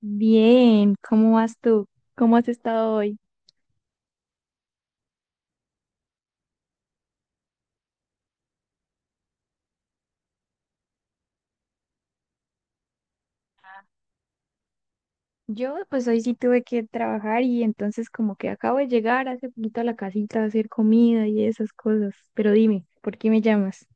Bien, ¿cómo vas tú? ¿Cómo has estado hoy? Yo pues hoy sí tuve que trabajar y entonces como que acabo de llegar hace poquito a la casita a hacer comida y esas cosas. Pero dime, ¿por qué me llamas?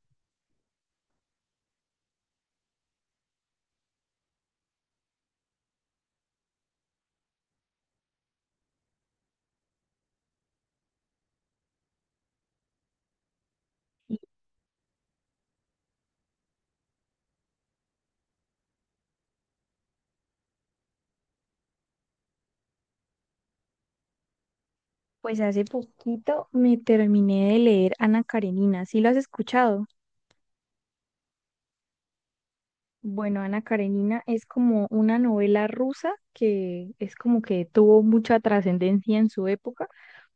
Pues hace poquito me terminé de leer Ana Karenina, ¿sí lo has escuchado? Bueno, Ana Karenina es como una novela rusa que es como que tuvo mucha trascendencia en su época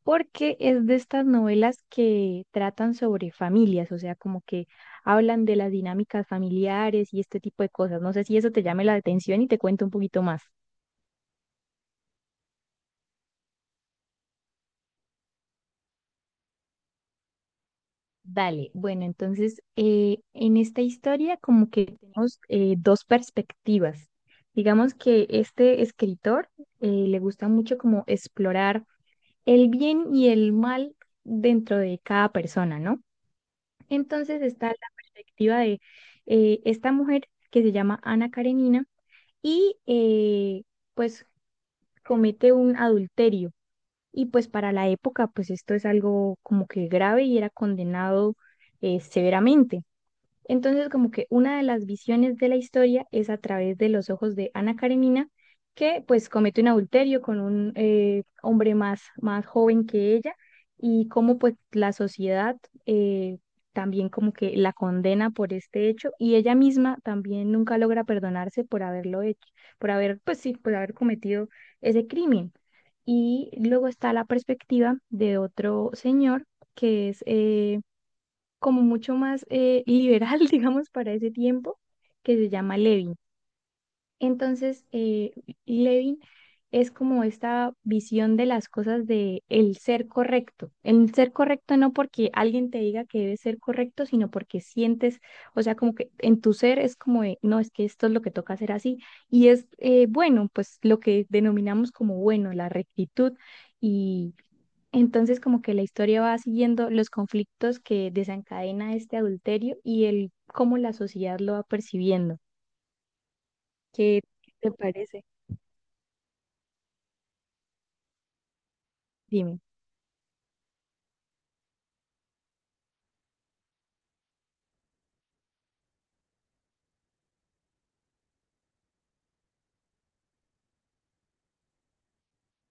porque es de estas novelas que tratan sobre familias, o sea, como que hablan de las dinámicas familiares y este tipo de cosas. No sé si eso te llame la atención y te cuento un poquito más. Dale, bueno, entonces en esta historia como que tenemos dos perspectivas. Digamos que este escritor le gusta mucho como explorar el bien y el mal dentro de cada persona, ¿no? Entonces está la perspectiva de esta mujer que se llama Ana Karenina y pues comete un adulterio. Y pues para la época, pues esto es algo como que grave y era condenado severamente. Entonces, como que una de las visiones de la historia es a través de los ojos de Ana Karenina, que pues comete un adulterio con un hombre más, más joven que ella y cómo pues la sociedad eh, también como que la condena por este hecho y ella misma también nunca logra perdonarse por haberlo hecho, por haber, pues sí, por haber cometido ese crimen. Y luego está la perspectiva de otro señor que es como mucho más liberal, digamos, para ese tiempo, que se llama Levin. Entonces, Levin es como esta visión de las cosas de el ser correcto. El ser correcto no porque alguien te diga que debe ser correcto, sino porque sientes, o sea, como que en tu ser es como de, no, es que esto es lo que toca hacer así. Y es bueno, pues lo que denominamos como bueno, la rectitud entonces, como que la historia va siguiendo los conflictos que desencadena este adulterio y el cómo la sociedad lo va percibiendo. ¿Qué te parece? Dime.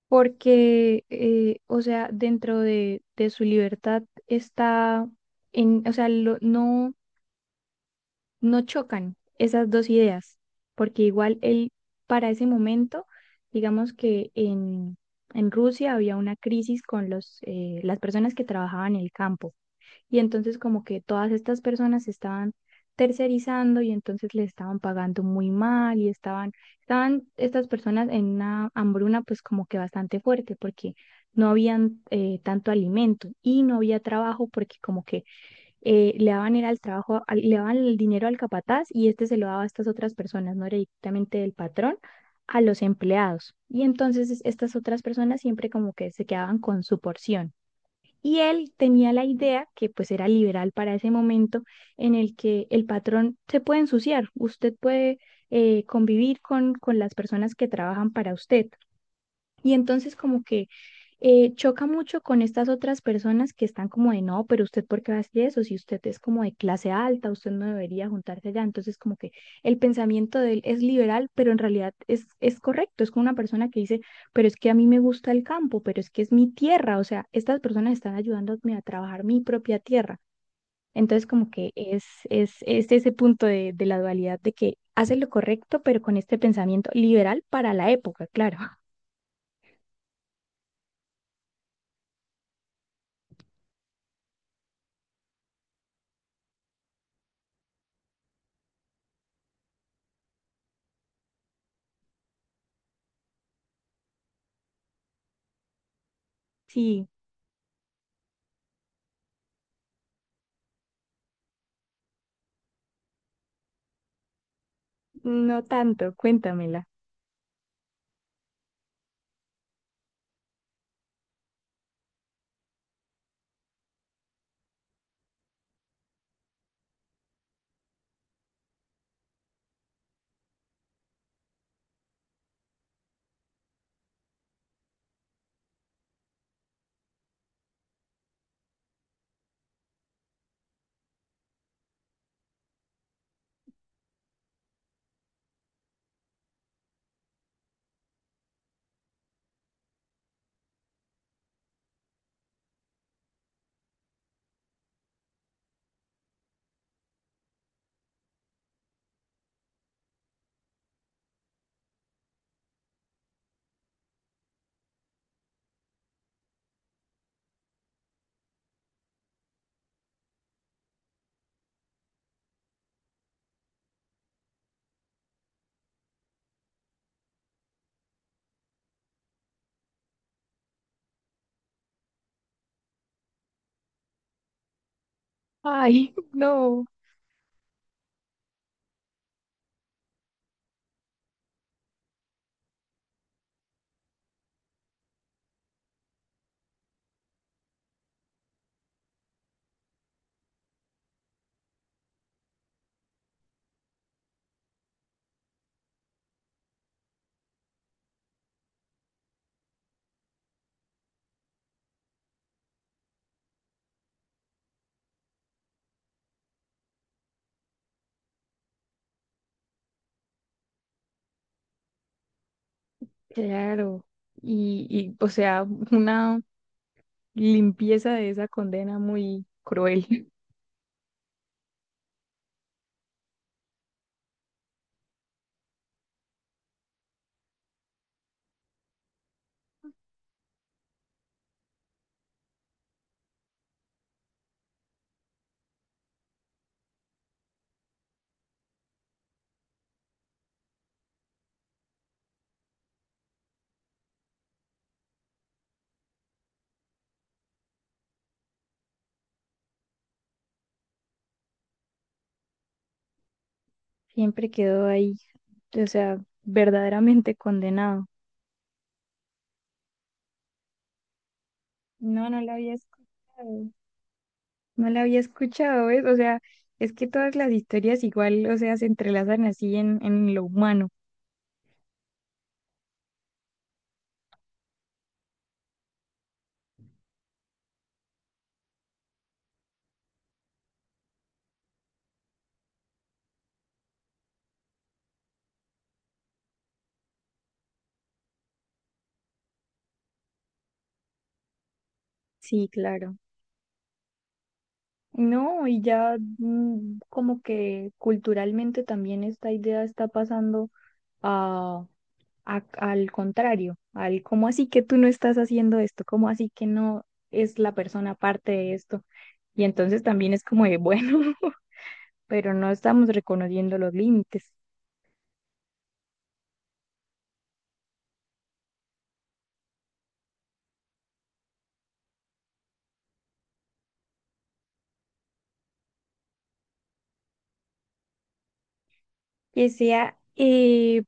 Porque, o sea, dentro de su libertad está en, o sea, no, no chocan esas dos ideas, porque igual él para ese momento, digamos que en Rusia había una crisis con los, las personas que trabajaban en el campo. Y entonces como que todas estas personas se estaban tercerizando y entonces le estaban pagando muy mal y estaban, estaban estas personas en una hambruna pues como que bastante fuerte porque no habían tanto alimento y no había trabajo porque como que le daban era el trabajo, le daban el dinero al capataz y este se lo daba a estas otras personas, no era directamente del patrón a los empleados. Y entonces estas otras personas siempre como que se quedaban con su porción. Y él tenía la idea, que pues era liberal para ese momento, en el que el patrón se puede ensuciar, usted puede convivir con las personas que trabajan para usted. Y entonces como que choca mucho con estas otras personas que están como de no, pero usted por qué va a hacer eso, si usted es como de clase alta, usted no debería juntarse allá. Entonces, como que el pensamiento de él es liberal, pero en realidad es correcto. Es como una persona que dice, pero es que a mí me gusta el campo, pero es que es mi tierra. O sea, estas personas están ayudándome a trabajar mi propia tierra. Entonces, como que es ese punto de la dualidad de que hace lo correcto, pero con este pensamiento liberal para la época, claro. Sí, no tanto, cuéntamela. Ay, no, claro. Y, o sea, una limpieza de esa condena muy cruel. Siempre quedó ahí, o sea, verdaderamente condenado. No, no la había escuchado. No la había escuchado, ¿ves? O sea, es que todas las historias igual, o sea, se entrelazan así en lo humano. Sí, claro. No, y ya como que culturalmente también esta idea está pasando a al contrario, al cómo así que tú no estás haciendo esto, cómo así que no es la persona parte de esto. Y entonces también es como de, bueno, pero no estamos reconociendo los límites. Que sea,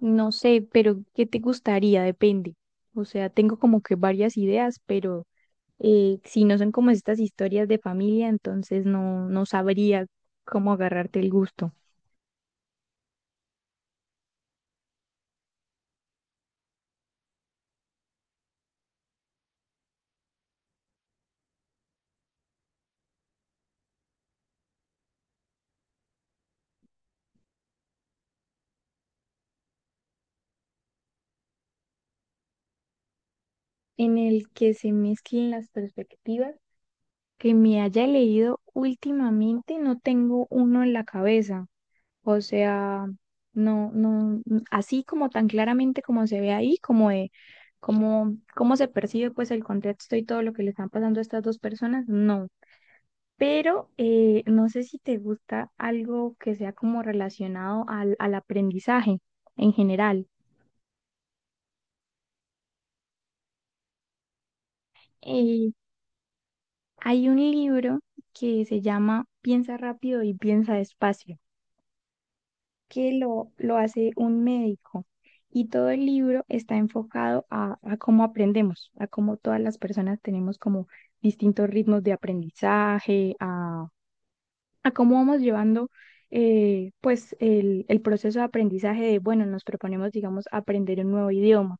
no sé, pero ¿qué te gustaría? Depende. O sea, tengo como que varias ideas, pero si no son como estas historias de familia, entonces no, no sabría cómo agarrarte el gusto. En el que se mezclen las perspectivas que me haya leído últimamente, no tengo uno en la cabeza. O sea, no, no, así como tan claramente como se ve ahí, como de cómo, cómo se percibe pues el contexto y todo lo que le están pasando a estas dos personas, no. Pero no sé si te gusta algo que sea como relacionado al, al aprendizaje en general. Eh, hay un libro que se llama Piensa rápido y piensa despacio. Que lo hace un médico. Y todo el libro está enfocado a cómo aprendemos, a cómo todas las personas tenemos como distintos ritmos de aprendizaje, a cómo vamos llevando pues el proceso de aprendizaje de, bueno, nos proponemos, digamos, aprender un nuevo idioma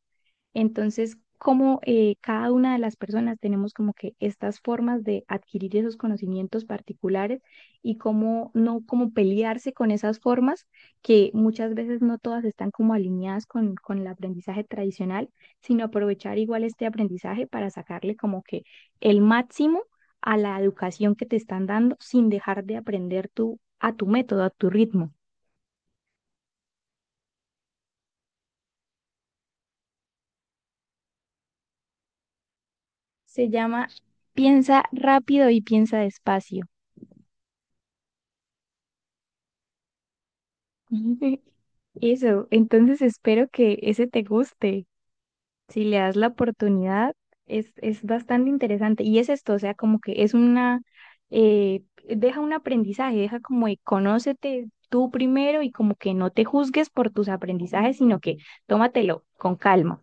entonces, como cada una de las personas tenemos como que estas formas de adquirir esos conocimientos particulares y cómo no como pelearse con esas formas que muchas veces no todas están como alineadas con el aprendizaje tradicional, sino aprovechar igual este aprendizaje para sacarle como que el máximo a la educación que te están dando sin dejar de aprender tú a tu método, a tu ritmo. Se llama Piensa rápido y piensa despacio. Ujú. Eso, entonces espero que ese te guste. Si le das la oportunidad, es bastante interesante. Y es esto, o sea, como que es una, deja un aprendizaje, deja como de conócete tú primero y como que no te juzgues por tus aprendizajes, sino que tómatelo con calma.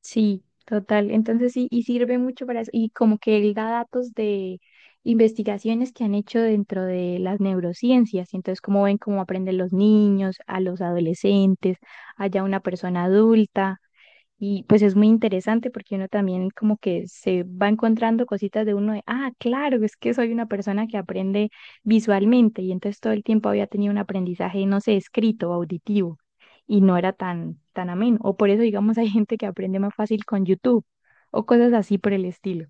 Sí, total. Entonces sí, y sirve mucho para eso. Y como que él da datos de investigaciones que han hecho dentro de las neurociencias. Y entonces, cómo ven cómo aprenden los niños, a los adolescentes, allá una persona adulta. Y pues es muy interesante porque uno también como que se va encontrando cositas de uno de, ah, claro, es que soy una persona que aprende visualmente y entonces todo el tiempo había tenido un aprendizaje, no sé, escrito, auditivo y no era tan, tan ameno. O por eso, digamos, hay gente que aprende más fácil con YouTube o cosas así por el estilo.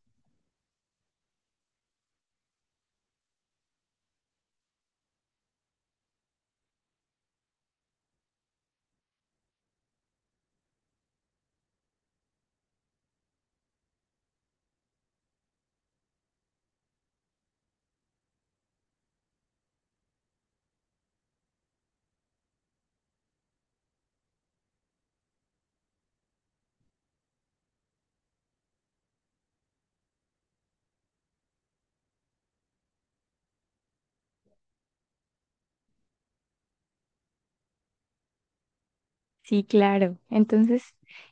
Sí, claro. Entonces,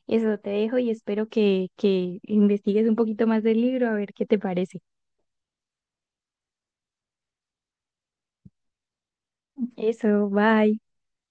eso te dejo y espero que investigues un poquito más del libro a ver qué te parece. Eso, bye.